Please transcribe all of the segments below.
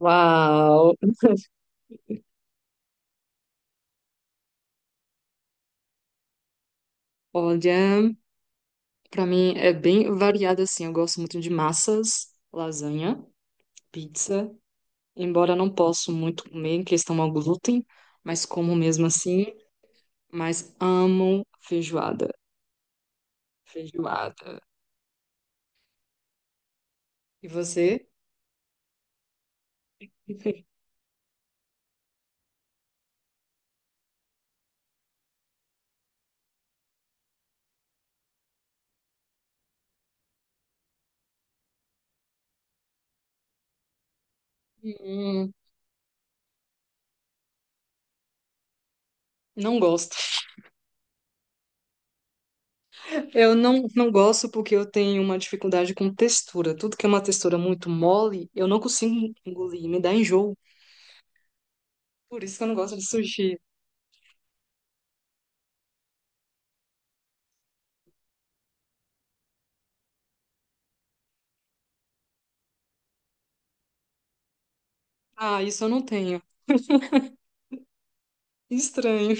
Uau! Olha, pra mim é bem variado assim. Eu gosto muito de massas, lasanha, pizza, embora não posso muito comer em questão ao glúten, mas como mesmo assim, mas amo feijoada. Feijoada. E você? Hum, não gosto. Eu não gosto porque eu tenho uma dificuldade com textura. Tudo que é uma textura muito mole, eu não consigo engolir, me dá enjoo. Por isso que eu não gosto de sushi. Ah, isso eu não tenho. Estranho.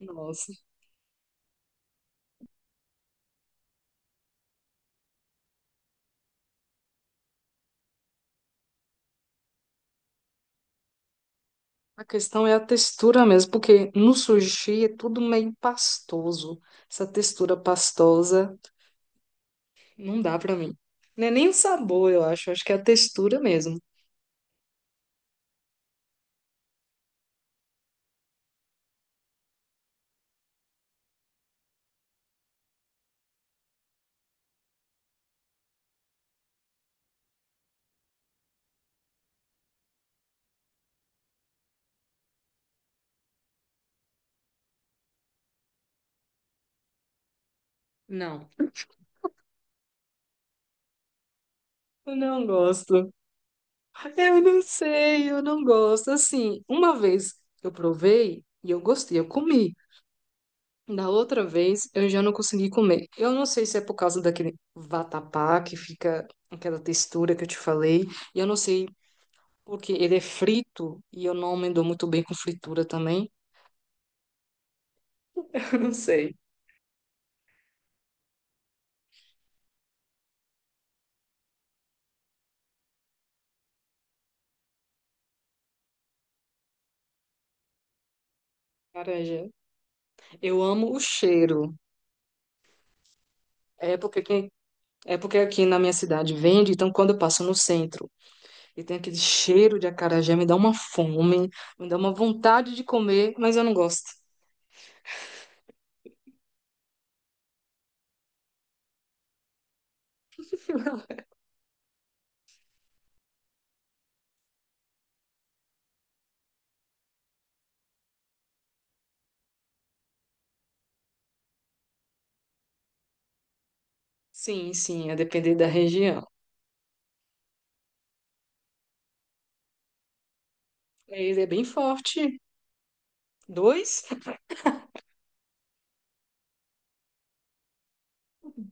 Nossa. A questão é a textura mesmo, porque no sushi é tudo meio pastoso. Essa textura pastosa não dá pra mim. Não é nem o sabor, eu acho. Acho que é a textura mesmo. Não. Eu não gosto. Eu não sei, eu não gosto. Assim, uma vez eu provei e eu gostei, eu comi. Da outra vez eu já não consegui comer. Eu não sei se é por causa daquele vatapá que fica aquela textura que eu te falei. E eu não sei. Porque ele é frito e eu não me dou muito bem com fritura também. Eu não sei. Acarajé. Eu amo o cheiro. É porque, é porque aqui na minha cidade vende, então quando eu passo no centro e tem aquele cheiro de acarajé, me dá uma fome, me dá uma vontade de comer, mas eu não gosto. Sim, sim, a depender da região. Ele é bem forte. Dois?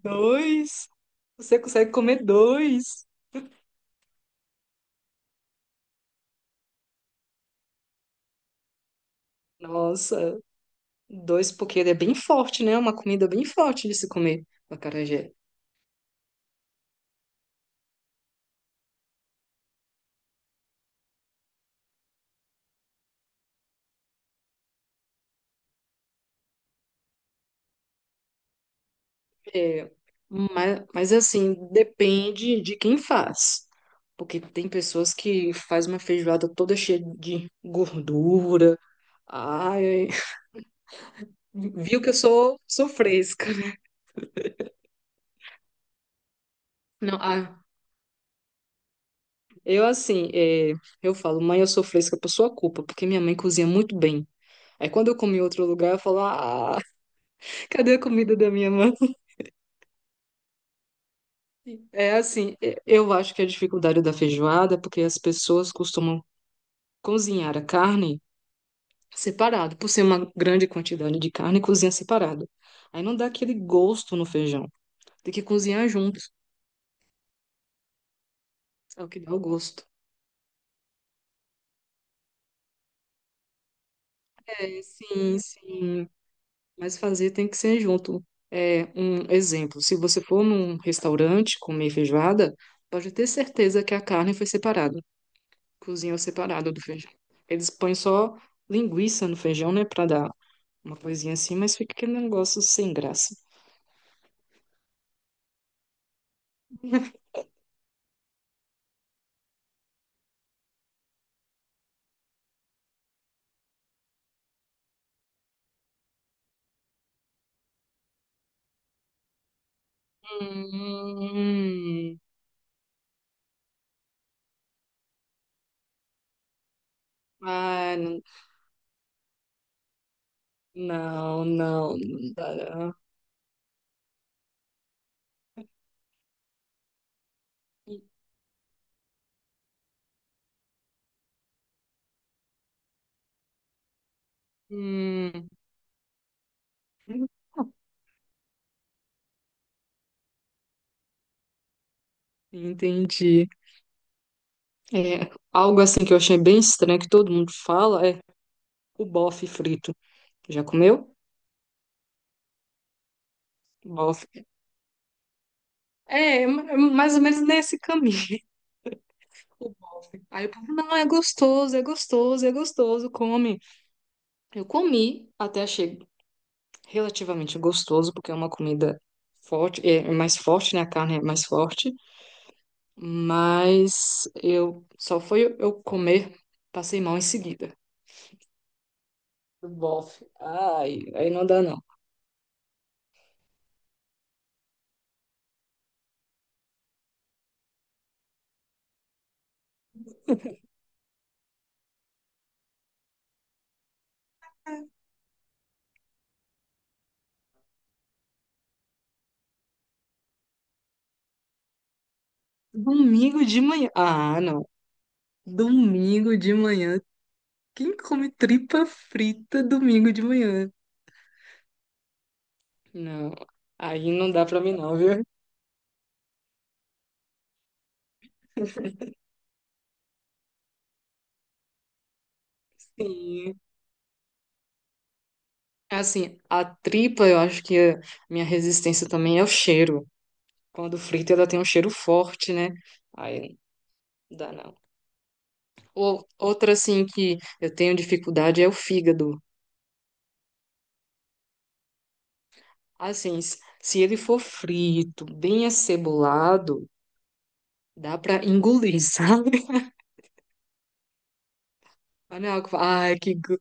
Dois. Você consegue comer dois. Nossa. Dois, porque ele é bem forte, né? É uma comida bem forte de se comer, o acarajé. É, mas assim, depende de quem faz. Porque tem pessoas que faz uma feijoada toda cheia de gordura. Ai, viu que eu sou fresca, né? Não, ah, eu assim, é, eu falo, mãe, eu sou fresca por sua culpa, porque minha mãe cozinha muito bem. Aí quando eu comi em outro lugar, eu falo, ah, cadê a comida da minha mãe? É assim, eu acho que a dificuldade da feijoada é porque as pessoas costumam cozinhar a carne separado, por ser uma grande quantidade de carne, cozinha separado. Aí não dá aquele gosto no feijão. Tem que cozinhar junto, é o que dá o gosto. É, sim, sim, mas fazer tem que ser junto. É um exemplo, se você for num restaurante comer feijoada, pode ter certeza que a carne foi separada, cozinha separada do feijão. Eles põem só linguiça no feijão, né, para dar uma coisinha assim, mas fica aquele negócio sem graça. Hum, ah, não, não dá. Hum, entendi. É, algo assim que eu achei bem estranho que todo mundo fala é o bofe frito. Já comeu? Bofe. É, mais ou menos nesse caminho. O bofe. Aí o povo, não, é gostoso, é gostoso, é gostoso, come. Eu comi até achei relativamente gostoso, porque é uma comida forte, é mais forte, né? A carne é mais forte, mas eu só foi eu comer, passei mal em seguida. Bof, ai, aí não dá não. Domingo de manhã. Ah, não. Domingo de manhã. Quem come tripa frita domingo de manhã? Não. Aí não dá pra mim não, viu? Sim. Assim, a tripa, eu acho que a minha resistência também é o cheiro. Quando frita, ela tem um cheiro forte, né? Aí não dá não. Outra, assim, que eu tenho dificuldade é o fígado. Assim, se ele for frito, bem acebolado, dá pra engolir, sabe? Mas não é algo que fala, ai, que...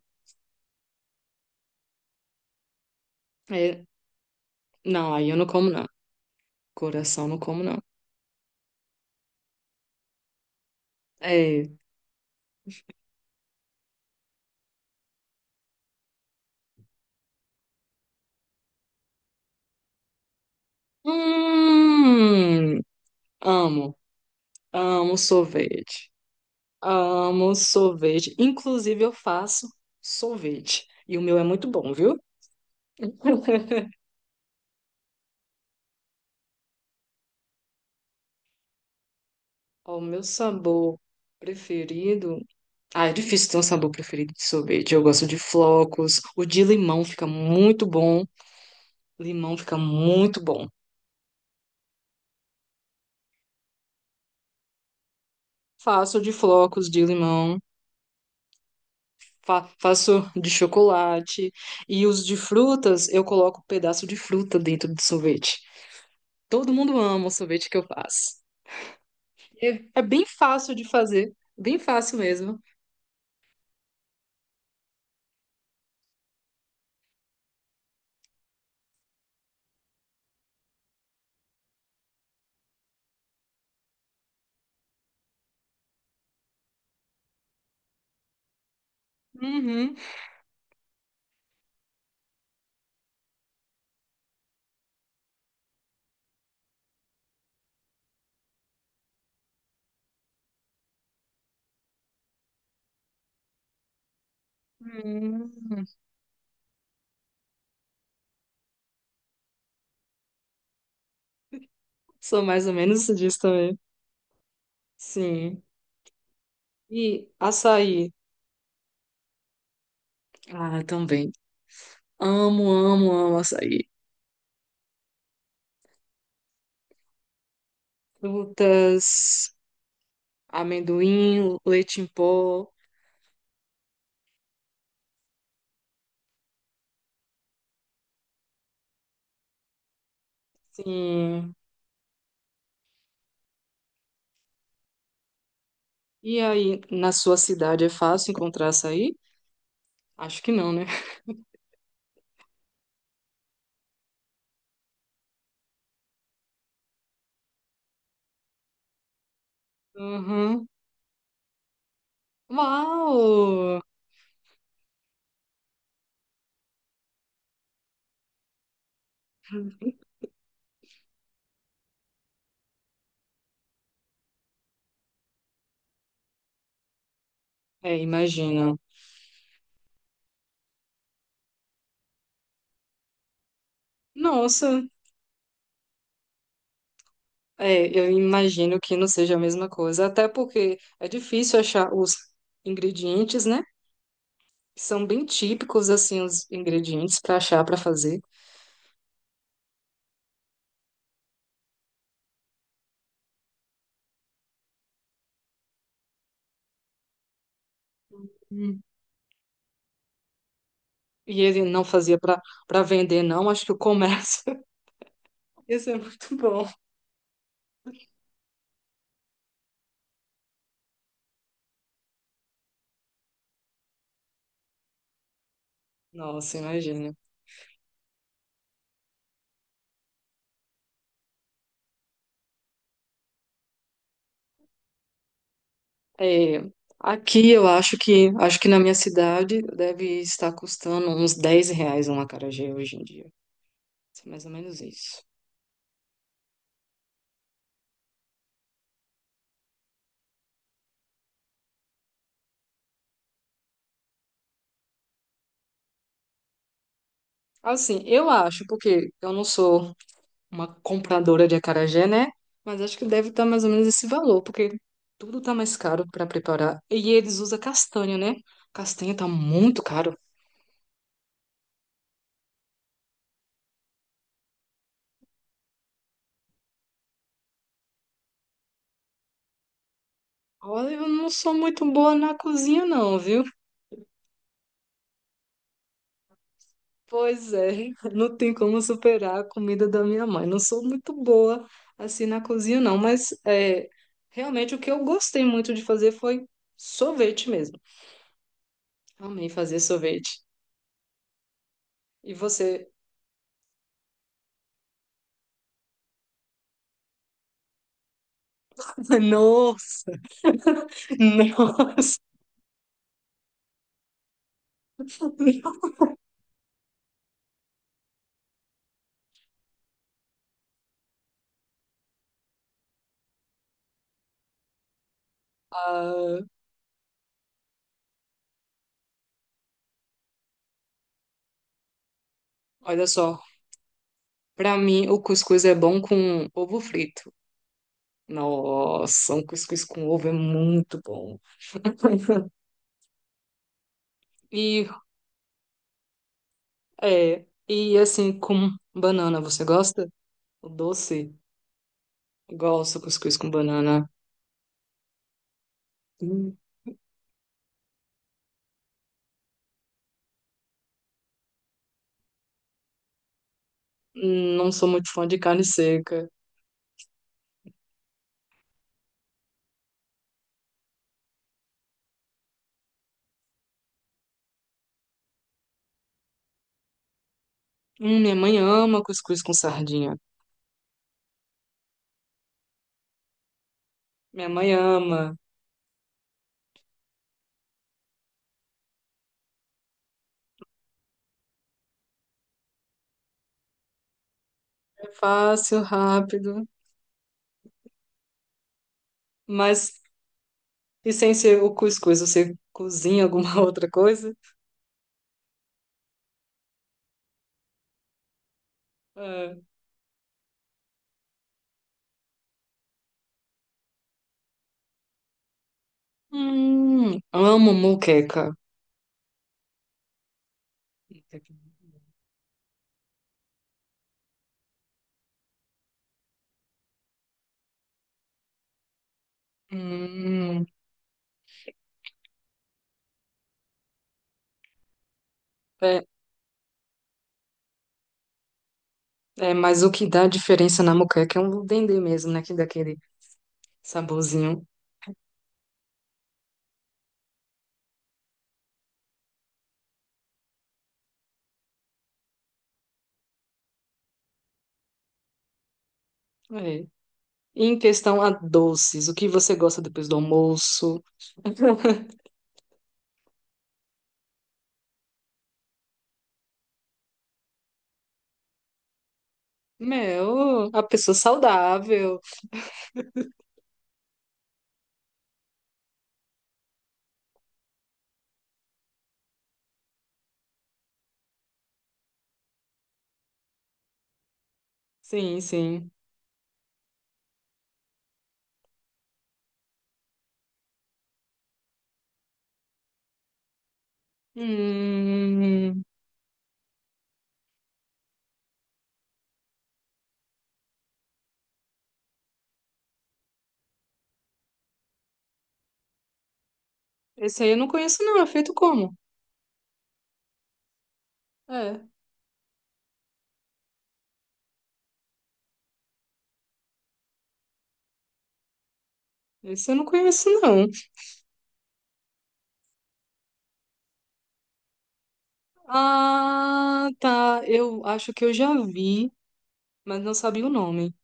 É, não, aí eu não como, não. Coração, não como, não. É... Hum, amo, amo sorvete. Amo sorvete. Inclusive, eu faço sorvete. E o meu é muito bom, viu? Ó, o meu sabor preferido. Ah, é difícil ter um sabor preferido de sorvete. Eu gosto de flocos. O de limão fica muito bom. Limão fica muito bom. Faço de flocos de limão. Faço de chocolate. E os de frutas, eu coloco um pedaço de fruta dentro do sorvete. Todo mundo ama o sorvete que eu faço. É, é bem fácil de fazer. Bem fácil mesmo. Uhum. Hum. Sou mais ou menos disso também. Sim. E açaí. Ah, também. Amo, amo, amo açaí. Frutas, amendoim, leite em pó. Sim. E aí, na sua cidade é fácil encontrar açaí? Acho que não, né? Uhum. Uau! É, imagina. Nossa, é, eu imagino que não seja a mesma coisa, até porque é difícil achar os ingredientes, né? São bem típicos, assim, os ingredientes para achar, para fazer. E ele não fazia para vender, não. Acho que o comércio ia ser muito bom. Nossa, imagina. É, aqui eu acho que na minha cidade deve estar custando uns 10 reais um acarajé hoje em dia. É mais ou menos isso. Assim, eu acho, porque eu não sou uma compradora de acarajé, né? Mas acho que deve estar mais ou menos esse valor, porque tudo tá mais caro para preparar. E eles usam castanha, né? Castanha tá muito caro. Olha, eu não sou muito boa na cozinha, não, viu? Pois é, não tem como superar a comida da minha mãe. Não sou muito boa assim na cozinha, não, mas é, realmente o que eu gostei muito de fazer foi sorvete mesmo. Amei fazer sorvete. E você? Nossa! Nossa! Ah, olha só, pra mim o cuscuz é bom com ovo frito. Nossa, um cuscuz com ovo é muito bom. E, é, e assim, com banana, você gosta? O doce, gosto de cuscuz com banana. Hum, Não sou muito fã de carne seca. Minha mãe ama cuscuz com sardinha. Minha mãe ama. É fácil, rápido. Mas, e sem ser o cuscuz, você cozinha alguma outra coisa? É. Amo moqueca. Hum, é, é, mas o que dá diferença na moqueca é um dendê mesmo, né? Que dá aquele saborzinho. É. Em questão a doces, o que você gosta depois do almoço? Meu, a pessoa saudável. Sim, sim. Hum, esse aí eu não conheço, não. É feito como? É, esse eu não conheço, não. Ah, tá. Eu acho que eu já vi, mas não sabia o nome.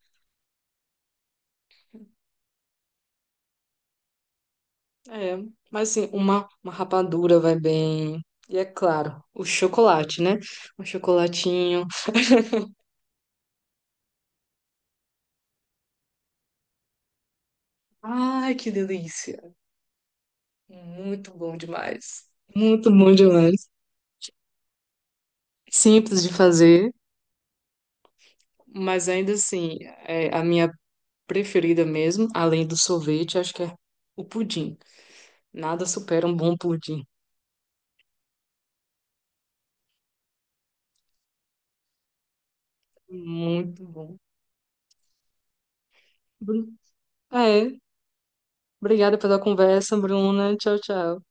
É, mas assim, uma rapadura vai bem. E é claro, o chocolate, né? Um chocolatinho. Ai, que delícia. Muito bom demais. Muito bom demais. Simples de fazer, mas ainda assim, é a minha preferida mesmo, além do sorvete, acho que é o pudim. Nada supera um bom pudim. Muito bom. Bru- É, obrigada pela conversa, Bruna. Tchau, tchau.